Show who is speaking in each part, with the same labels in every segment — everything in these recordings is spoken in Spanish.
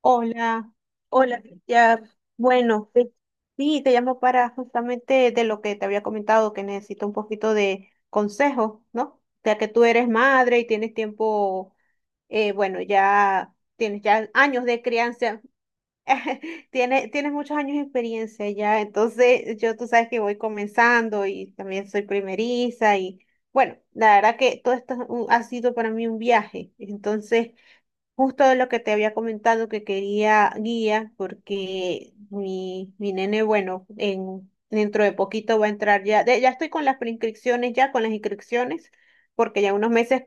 Speaker 1: Hola, hola, ya, bueno, sí, te llamo para justamente de lo que te había comentado, que necesito un poquito de consejo, ¿no? Ya que tú eres madre y tienes tiempo, bueno, ya tienes ya años de crianza. Tienes muchos años de experiencia ya, entonces yo, tú sabes que voy comenzando y también soy primeriza, y bueno, la verdad que todo esto es ha sido para mí un viaje, entonces... Justo de lo que te había comentado que quería guía, porque mi nene, bueno, dentro de poquito va a entrar ya, ya estoy con las preinscripciones, ya con las inscripciones, porque ya unos meses,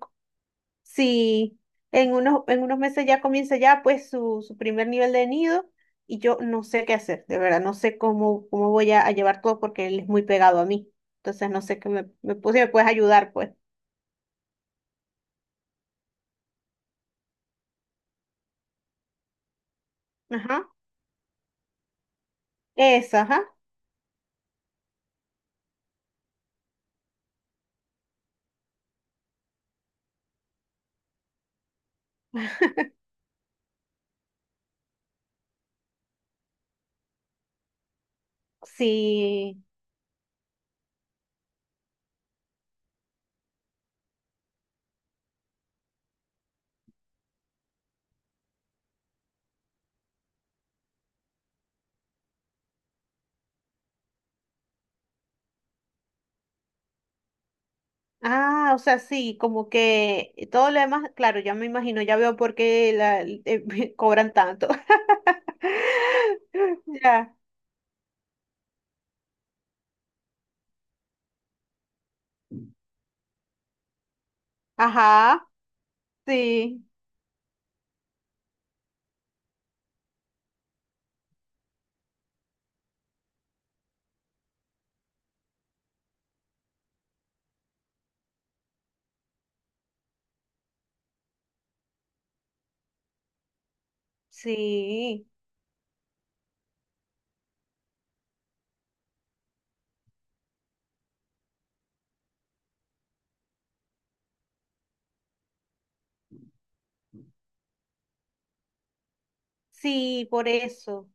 Speaker 1: sí, en unos meses ya comienza ya, pues, su primer nivel de nido, y yo no sé qué hacer, de verdad, no sé cómo, cómo voy a llevar todo porque él es muy pegado a mí, entonces no sé qué pues, si me puedes ayudar, pues. Ajá, esa, ajá, sí. Ah, o sea, sí, como que todo lo demás, claro, ya me imagino, ya veo por qué la, cobran tanto. Ya, ajá, sí, sí, sí, por eso.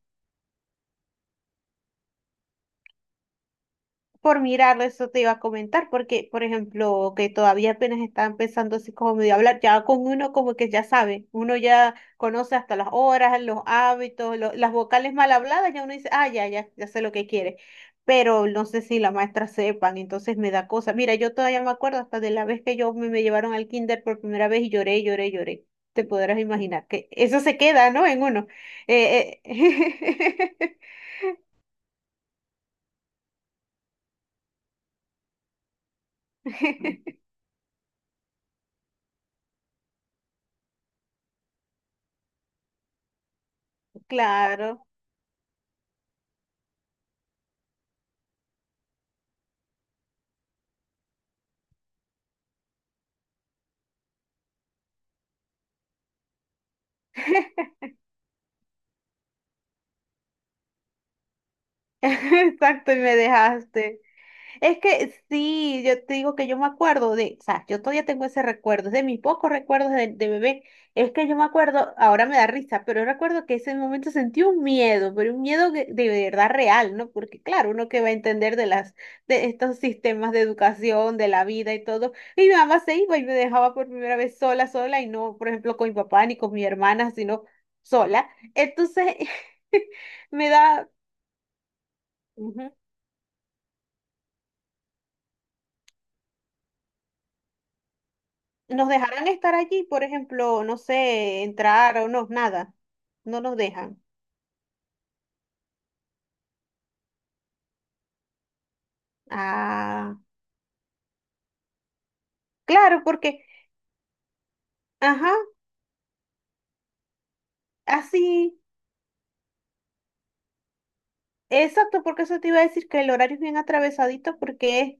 Speaker 1: Por mirarlo, eso te iba a comentar, porque, por ejemplo, que todavía apenas está empezando así como medio a hablar, ya con uno como que ya sabe, uno ya conoce hasta las horas, los hábitos, las vocales mal habladas, ya uno dice, ah, ya sé lo que quiere, pero no sé si la maestra sepan, entonces me da cosa. Mira, yo todavía me acuerdo hasta de la vez que yo me llevaron al kinder por primera vez y lloré, lloré, lloré. Te podrás imaginar que eso se queda, ¿no? En uno. Eh, eh, Claro. Exacto, y me dejaste. Es que sí, yo te digo que yo me acuerdo de, o sea, yo todavía tengo ese recuerdo, es de mis pocos recuerdos de bebé. Es que yo me acuerdo, ahora me da risa, pero yo recuerdo que ese momento sentí un miedo, pero un miedo de verdad real, ¿no? Porque claro, uno que va a entender de estos sistemas de educación, de la vida y todo. Y mi mamá se iba y me dejaba por primera vez sola, sola, y no, por ejemplo, con mi papá ni con mi hermana, sino sola. Entonces, me da... ujú. ¿Nos dejarán estar allí, por ejemplo, no sé, entrar o no, nada? No nos dejan. Ah, claro, porque, ajá, así, exacto, porque eso te iba a decir que el horario es bien atravesadito porque es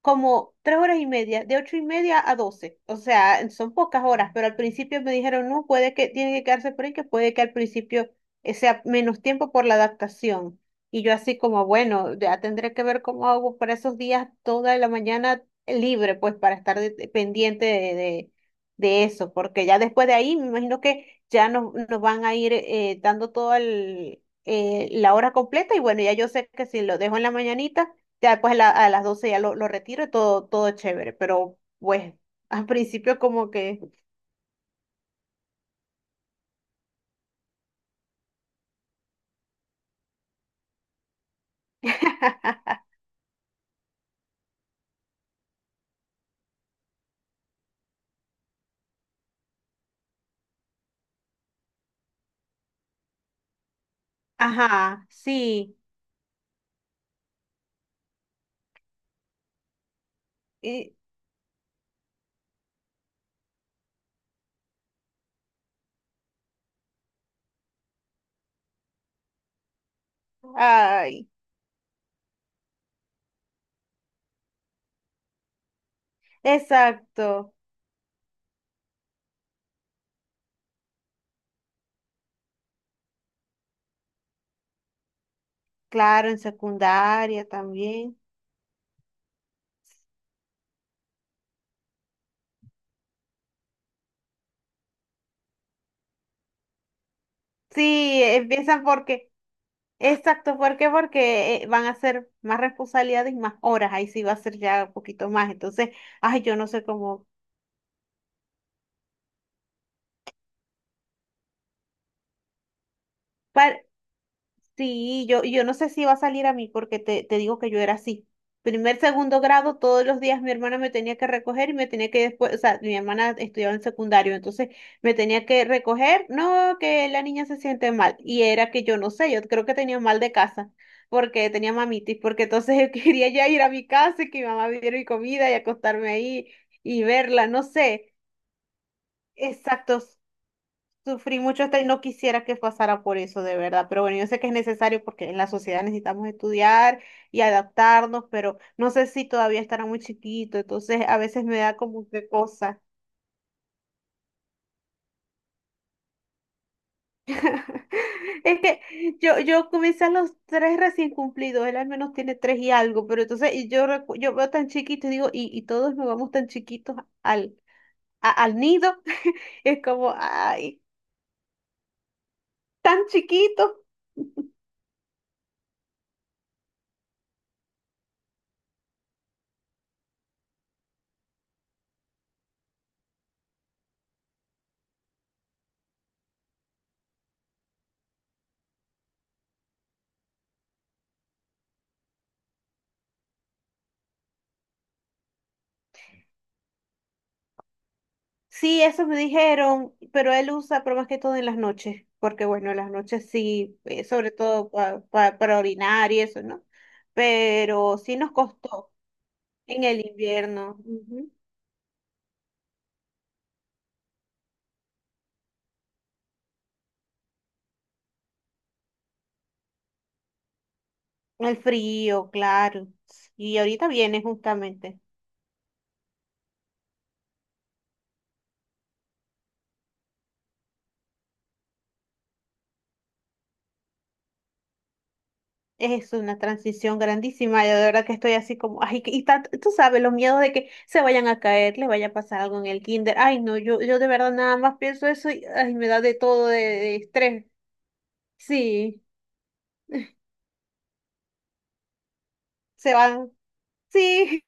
Speaker 1: como 3 horas y media, de 8:30 a 12. O sea, son pocas horas, pero al principio me dijeron, no, puede que tiene que quedarse por ahí, que puede que al principio sea menos tiempo por la adaptación. Y yo así como, bueno, ya tendré que ver cómo hago para esos días toda la mañana libre, pues para estar pendiente de eso, porque ya después de ahí me imagino que ya nos van a ir dando toda la hora completa, y bueno, ya yo sé que si lo dejo en la mañanita, ya pues a las 12 ya lo retiro y todo, todo chévere, pero pues al principio como que... Ajá, sí. Y, ay, exacto. Claro, en secundaria también. Sí, empiezan porque, exacto, ¿por qué? Porque van a ser más responsabilidades y más horas, ahí sí va a ser ya un poquito más. Entonces, ay, yo no sé cómo, sí, yo no sé si va a salir a mí porque te digo que yo era así. Primer, segundo grado, todos los días mi hermana me tenía que recoger y me tenía que después, o sea, mi hermana estudiaba en secundario, entonces me tenía que recoger, no, que la niña se siente mal. Y era que yo no sé, yo creo que tenía mal de casa porque tenía mamitis, porque entonces yo quería ya ir a mi casa y que mi mamá me diera mi comida y acostarme ahí y verla, no sé. Exacto. Sufrí mucho esto y no quisiera que pasara por eso, de verdad. Pero bueno, yo sé que es necesario porque en la sociedad necesitamos estudiar y adaptarnos, pero no sé si todavía estará muy chiquito, entonces a veces me da como que cosa. Es que yo comencé a los 3 recién cumplidos, él al menos tiene 3 y algo, pero entonces y yo, yo veo tan chiquito y digo, y todos nos vamos tan chiquitos al, al nido. Es como, ay, tan chiquito. Sí, eso me dijeron, pero él usa, pero más que todo en las noches, porque bueno, en las noches sí, sobre todo para orinar y eso, ¿no? Pero sí nos costó en el invierno, ujú. El frío, claro. Y ahorita viene justamente. Es una transición grandísima, y de verdad que estoy así como, ay, y tú sabes, los miedos de que se vayan a caer, le vaya a pasar algo en el kinder, ay, no, yo de verdad nada más pienso eso y, ay, me da de todo de, estrés, sí, se van, sí,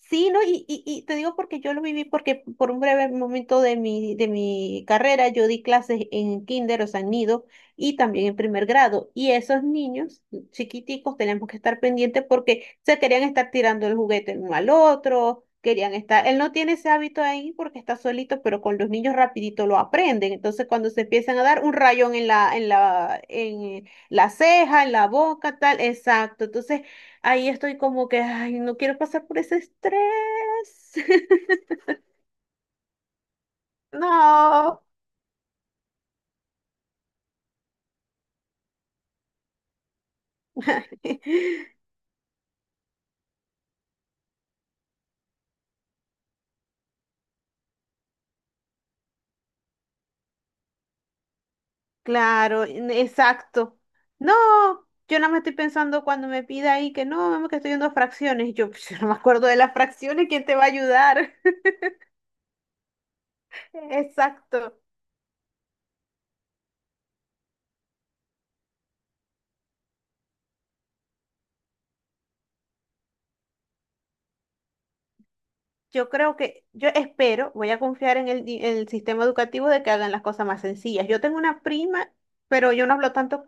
Speaker 1: sí, no, y te digo porque yo lo viví porque por un breve momento de mi carrera yo di clases en kinder, o sea, en nido, y también en primer grado. Y esos niños chiquiticos tenemos que estar pendientes porque se querían estar tirando el juguete el uno al otro, querían estar, él no tiene ese hábito ahí porque está solito, pero con los niños rapidito lo aprenden. Entonces cuando se empiezan a dar un rayón en la ceja, en la boca, tal, exacto. Entonces ahí estoy como que, ay, no quiero pasar por ese estrés. No. Claro, exacto. No, yo nada más estoy pensando cuando me pida ahí que no, mamá, que estoy en dos fracciones. Y yo, pues, yo no me acuerdo de las fracciones, ¿quién te va a ayudar? Exacto. Yo creo que, yo espero, voy a confiar en en el sistema educativo de que hagan las cosas más sencillas. Yo tengo una prima, pero yo no hablo tanto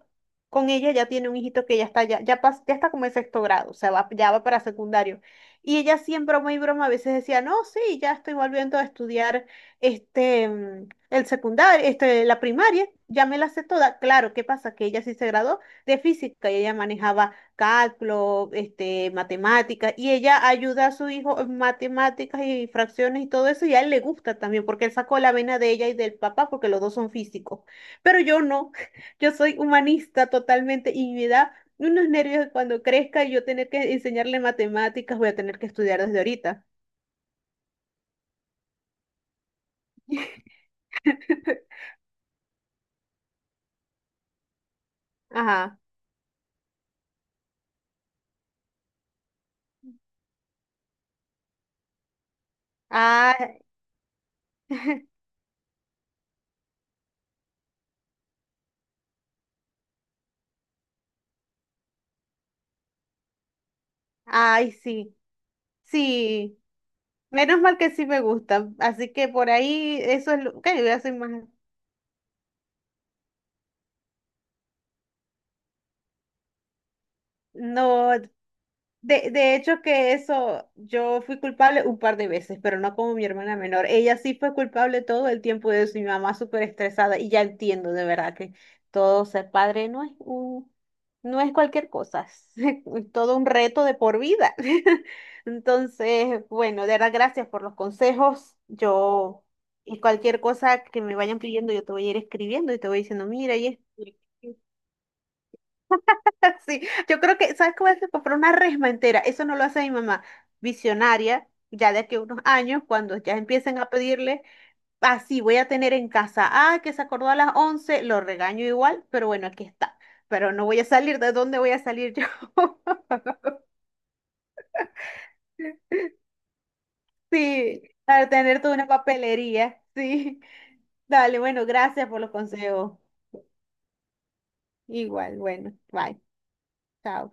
Speaker 1: con ella, ya tiene un hijito que ya está, ya está como en sexto grado, o sea, ya va para secundario. Y ella siempre, muy broma, a veces decía, no, sí, ya estoy volviendo a estudiar este, el secundario, este, la primaria, ya me la sé toda. Claro, ¿qué pasa? Que ella sí se graduó de física, y ella manejaba cálculo, este, matemáticas, y ella ayuda a su hijo en matemáticas y fracciones y todo eso, y a él le gusta también, porque él sacó la vena de ella y del papá, porque los dos son físicos. Pero yo no, yo soy humanista totalmente y me da unos nervios cuando crezca y yo tener que enseñarle matemáticas, voy a tener que estudiar desde ahorita. Ajá. Ah, ay, sí. Sí. Menos mal que sí me gusta. Así que por ahí eso es lo que yo soy más. No. De hecho que eso, yo fui culpable un par de veces, pero no como mi hermana menor. Ella sí fue culpable todo el tiempo de eso, y mi mamá súper estresada, y ya entiendo de verdad que todo ser padre no es un, no es cualquier cosa, es todo un reto de por vida. Entonces, bueno, de verdad gracias por los consejos. Yo y cualquier cosa que me vayan pidiendo, yo te voy a ir escribiendo y te voy diciendo, mira, y esto. Sí, yo creo que, ¿sabes cómo se compró una resma entera? Eso no lo hace mi mamá. Visionaria, ya de aquí a unos años, cuando ya empiecen a pedirle, así voy a tener en casa, ah, que se acordó a las 11, lo regaño igual, pero bueno, aquí está. Pero no voy a salir, ¿de dónde voy a salir yo? Sí, al tener toda una papelería, sí. Dale, bueno, gracias por los consejos. Igual, bueno, bye, chao.